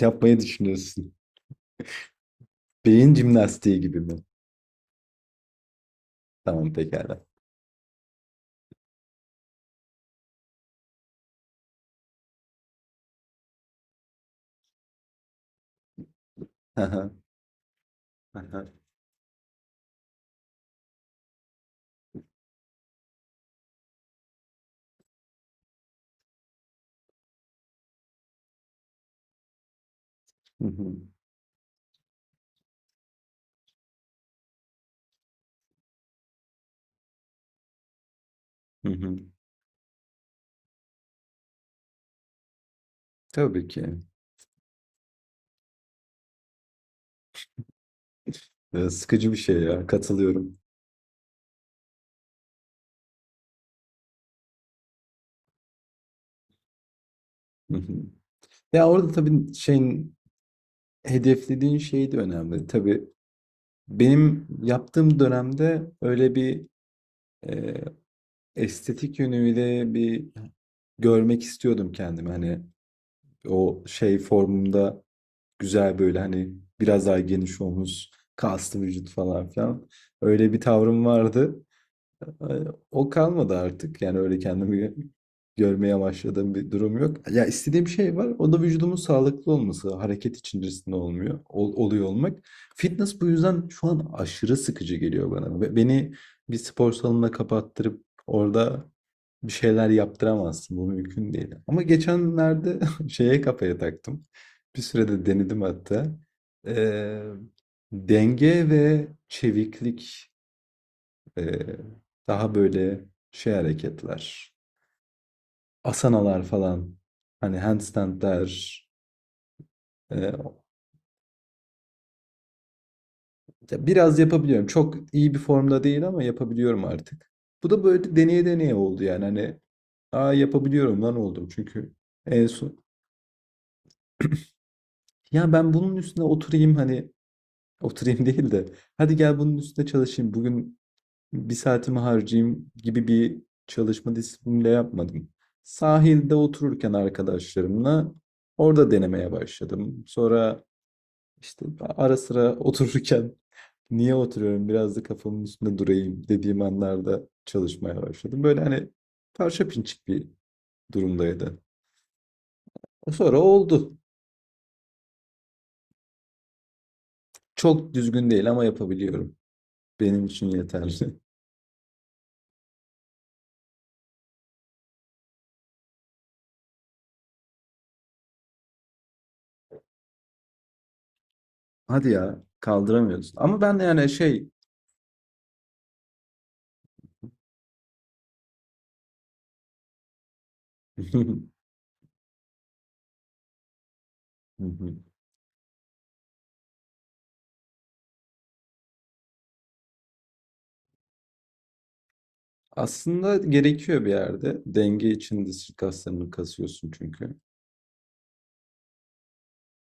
Yapmayı düşünüyorsun. Beyin jimnastiği gibi mi? Tamam pekala. Aha, aha. Hı hı, hı hı. Tabii ki. Sıkıcı bir şey ya. Katılıyorum. Hı hı. Ya orada tabii hedeflediğin şey de önemli. Tabii benim yaptığım dönemde öyle bir e, estetik yönüyle bir görmek istiyordum kendimi. Hani o şey formumda güzel böyle hani biraz daha geniş omuz, kaslı vücut falan filan. Öyle bir tavrım vardı. O kalmadı artık. Yani öyle kendimi görmeye başladığım bir durum yok. Ya istediğim şey var. O da vücudumun sağlıklı olması, hareket içerisinde olmuyor, oluyor olmak. Fitness bu yüzden şu an aşırı sıkıcı geliyor bana. Ve beni bir spor salonuna kapattırıp orada bir şeyler yaptıramazsın. Bu mümkün değil. Ama geçenlerde şeye kafaya taktım. Bir sürede denedim hatta. Ee, Denge ve çeviklik, ee, daha böyle şey hareketler. Asanalar falan. Hani handstandler. Ee, Ya biraz yapabiliyorum. Çok iyi bir formda değil ama yapabiliyorum artık. Bu da böyle deneye deneye oldu yani. Hani aa yapabiliyorum lan oldum. Çünkü en son ya ben bunun üstüne oturayım, hani oturayım değil de hadi gel bunun üstüne çalışayım. Bugün bir saatimi harcayayım gibi bir çalışma disipliniyle yapmadım. Sahilde otururken arkadaşlarımla orada denemeye başladım. Sonra işte ara sıra otururken niye oturuyorum biraz da kafamın üstünde durayım dediğim anlarda çalışmaya başladım. Böyle hani parça pinçik bir durumdaydı. Sonra oldu. Çok düzgün değil ama yapabiliyorum. Benim için yeterli. Hadi ya kaldıramıyorsun. Ama ben de yani şey. Aslında gerekiyor bir yerde. Denge için de sırt kaslarını kasıyorsun çünkü.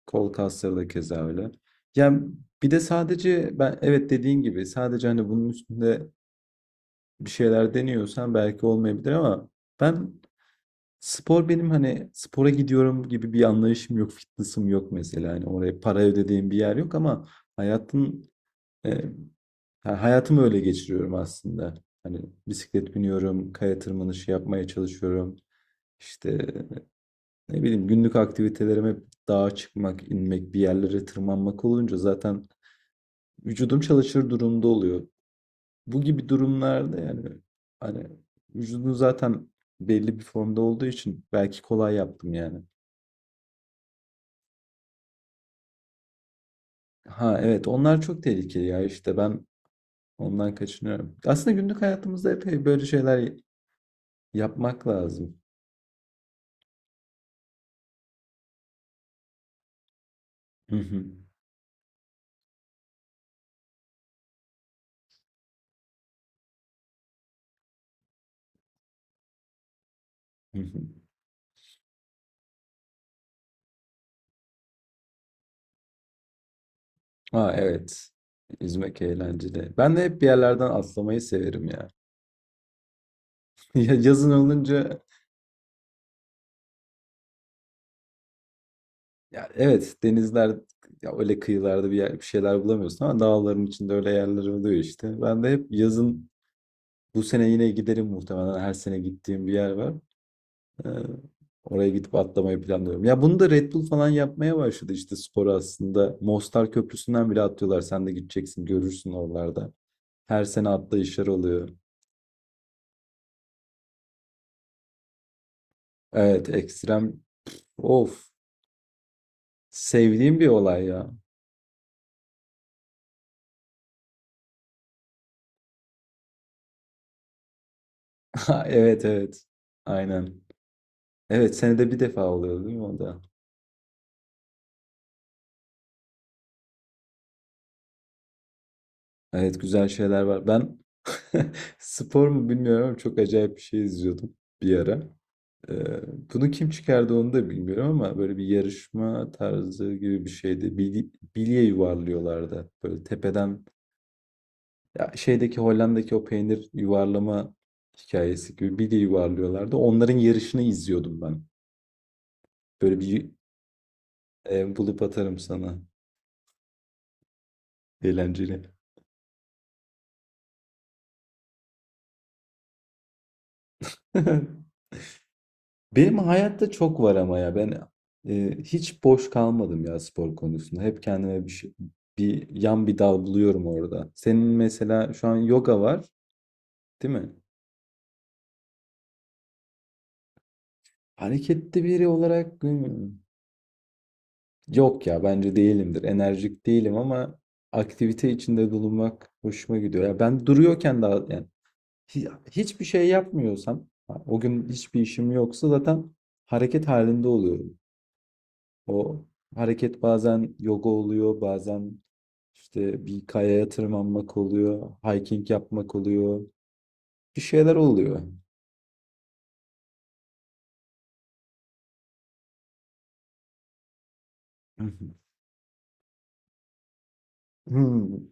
Kol kasları da keza öyle. Yani bir de sadece ben evet dediğin gibi sadece hani bunun üstünde bir şeyler deniyorsan belki olmayabilir ama ben spor, benim hani spora gidiyorum gibi bir anlayışım yok, fitness'ım yok mesela. Hani oraya para ödediğim bir yer yok ama hayatın e, yani hayatımı öyle geçiriyorum aslında. Hani bisiklet biniyorum, kaya tırmanışı yapmaya çalışıyorum. İşte ne bileyim, günlük aktivitelerime hep dağa çıkmak, inmek, bir yerlere tırmanmak olunca zaten vücudum çalışır durumda oluyor. Bu gibi durumlarda yani hani vücudun zaten belli bir formda olduğu için belki kolay yaptım yani. Ha evet, onlar çok tehlikeli ya, işte ben ondan kaçınıyorum. Aslında günlük hayatımızda epey böyle şeyler yapmak lazım. Hı hı, hı hı. Ha evet. Yüzmek eğlenceli. Ben de hep bir yerlerden atlamayı severim ya. Ya yazın olunca, ya evet denizler ya öyle kıyılarda bir yer, bir şeyler bulamıyorsun ama dağların içinde öyle yerler oluyor işte. Ben de hep yazın bu sene yine giderim muhtemelen, her sene gittiğim bir yer var. Ee, Oraya gidip atlamayı planlıyorum. Ya bunu da Red Bull falan yapmaya başladı işte sporu aslında. Mostar Köprüsü'nden bile atlıyorlar. Sen de gideceksin, görürsün oralarda. Her sene atlayışlar oluyor. Evet, ekstrem, of, sevdiğim bir olay ya. Evet, evet, aynen. Evet senede bir defa oluyor değil mi o da? Evet, güzel şeyler var. Ben spor mu bilmiyorum ama çok acayip bir şey izliyordum bir ara. Ee, Bunu kim çıkardı onu da bilmiyorum ama böyle bir yarışma tarzı gibi bir şeydi. Bilye yuvarlıyorlardı. Böyle tepeden, ya şeydeki Hollanda'daki o peynir yuvarlama hikayesi gibi bilye yuvarlıyorlardı. Onların yarışını izliyordum ben. Böyle bir bulup atarım sana. Eğlenceli. Benim hayatta çok var ama ya ben hiç boş kalmadım ya spor konusunda. Hep kendime bir şey, bir yan bir dal buluyorum orada. Senin mesela şu an yoga var, değil mi? Hareketli biri olarak hmm, yok ya bence değilimdir. Enerjik değilim ama aktivite içinde bulunmak hoşuma gidiyor. Ya ben duruyorken daha yani hiçbir şey yapmıyorsam, o gün hiçbir işim yoksa zaten hareket halinde oluyorum. O hareket bazen yoga oluyor, bazen işte bir kayaya tırmanmak oluyor, hiking yapmak oluyor. Bir şeyler oluyor. Hı hı. Hmm,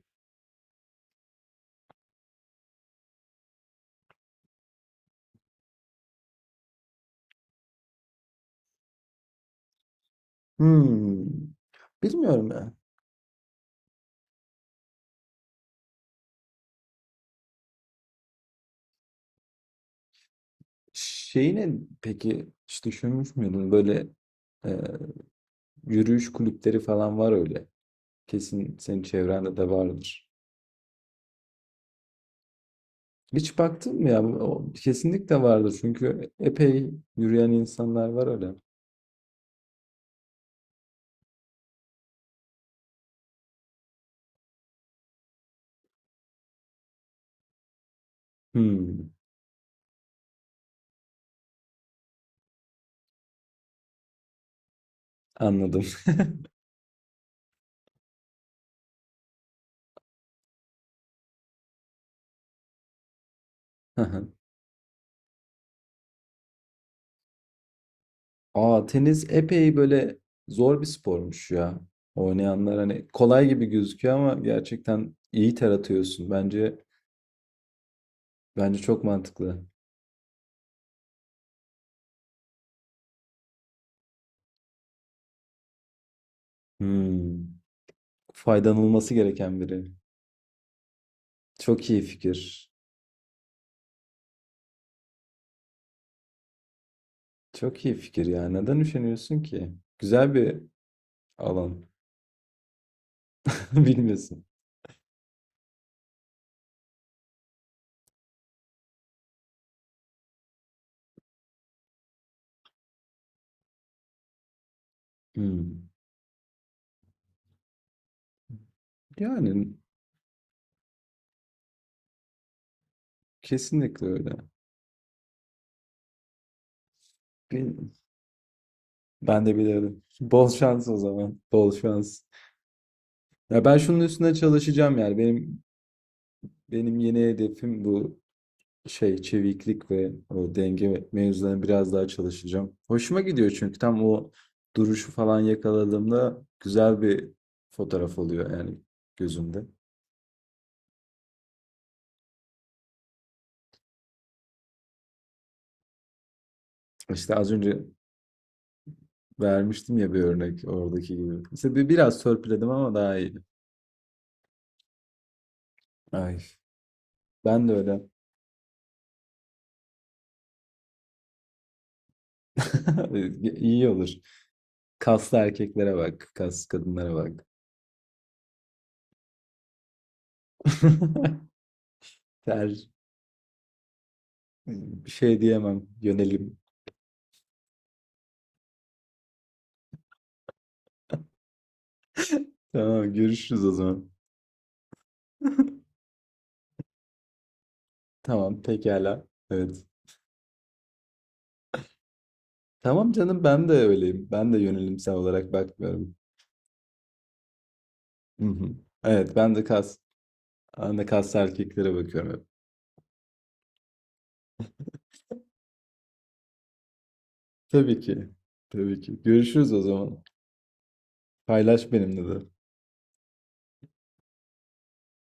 hmm. Bilmiyorum ya. Şeyi ne, peki hiç düşünmüş müydün? Böyle e, yürüyüş kulüpleri falan var öyle. Kesin senin çevrende de vardır. Hiç baktın mı ya? O- kesinlikle vardır çünkü epey yürüyen insanlar var öyle. Hmm, anladım. Aa, tenis epey böyle zor bir spormuş ya. Oynayanlar hani kolay gibi gözüküyor ama gerçekten iyi ter atıyorsun. Bence çok mantıklı. Hmm. Faydalanılması gereken biri. Çok iyi fikir. Çok iyi fikir ya. Neden üşeniyorsun ki? Güzel bir alan. Bilmiyorsun. Hmm. Yani kesinlikle öyle. Bil- Ben de bilirdim. Bol şans o zaman. Bol şans. Ya ben şunun üstüne çalışacağım yani. Benim yeni hedefim bu, şey çeviklik ve o denge mevzularına biraz daha çalışacağım. Hoşuma gidiyor çünkü tam o duruşu falan yakaladığımda güzel bir fotoğraf oluyor yani gözümde. İşte az önce vermiştim ya bir örnek, oradaki gibi. İşte bir, biraz törpüledim ama daha iyi. Ay ben de öyle. İyi olur. Kaslı erkeklere bak, kaslı kadınlara bak. Ter, bir şey diyemem, yönelim. Tamam, görüşürüz o zaman. Tamam, pekala, evet. Tamam canım, ben de öyleyim. Ben de yönelimsel olarak bakmıyorum. Hı hı. Evet, ben de kaslı erkeklere bakıyorum hep. Tabii ki. Tabii ki. Görüşürüz o zaman. Paylaş benimle de.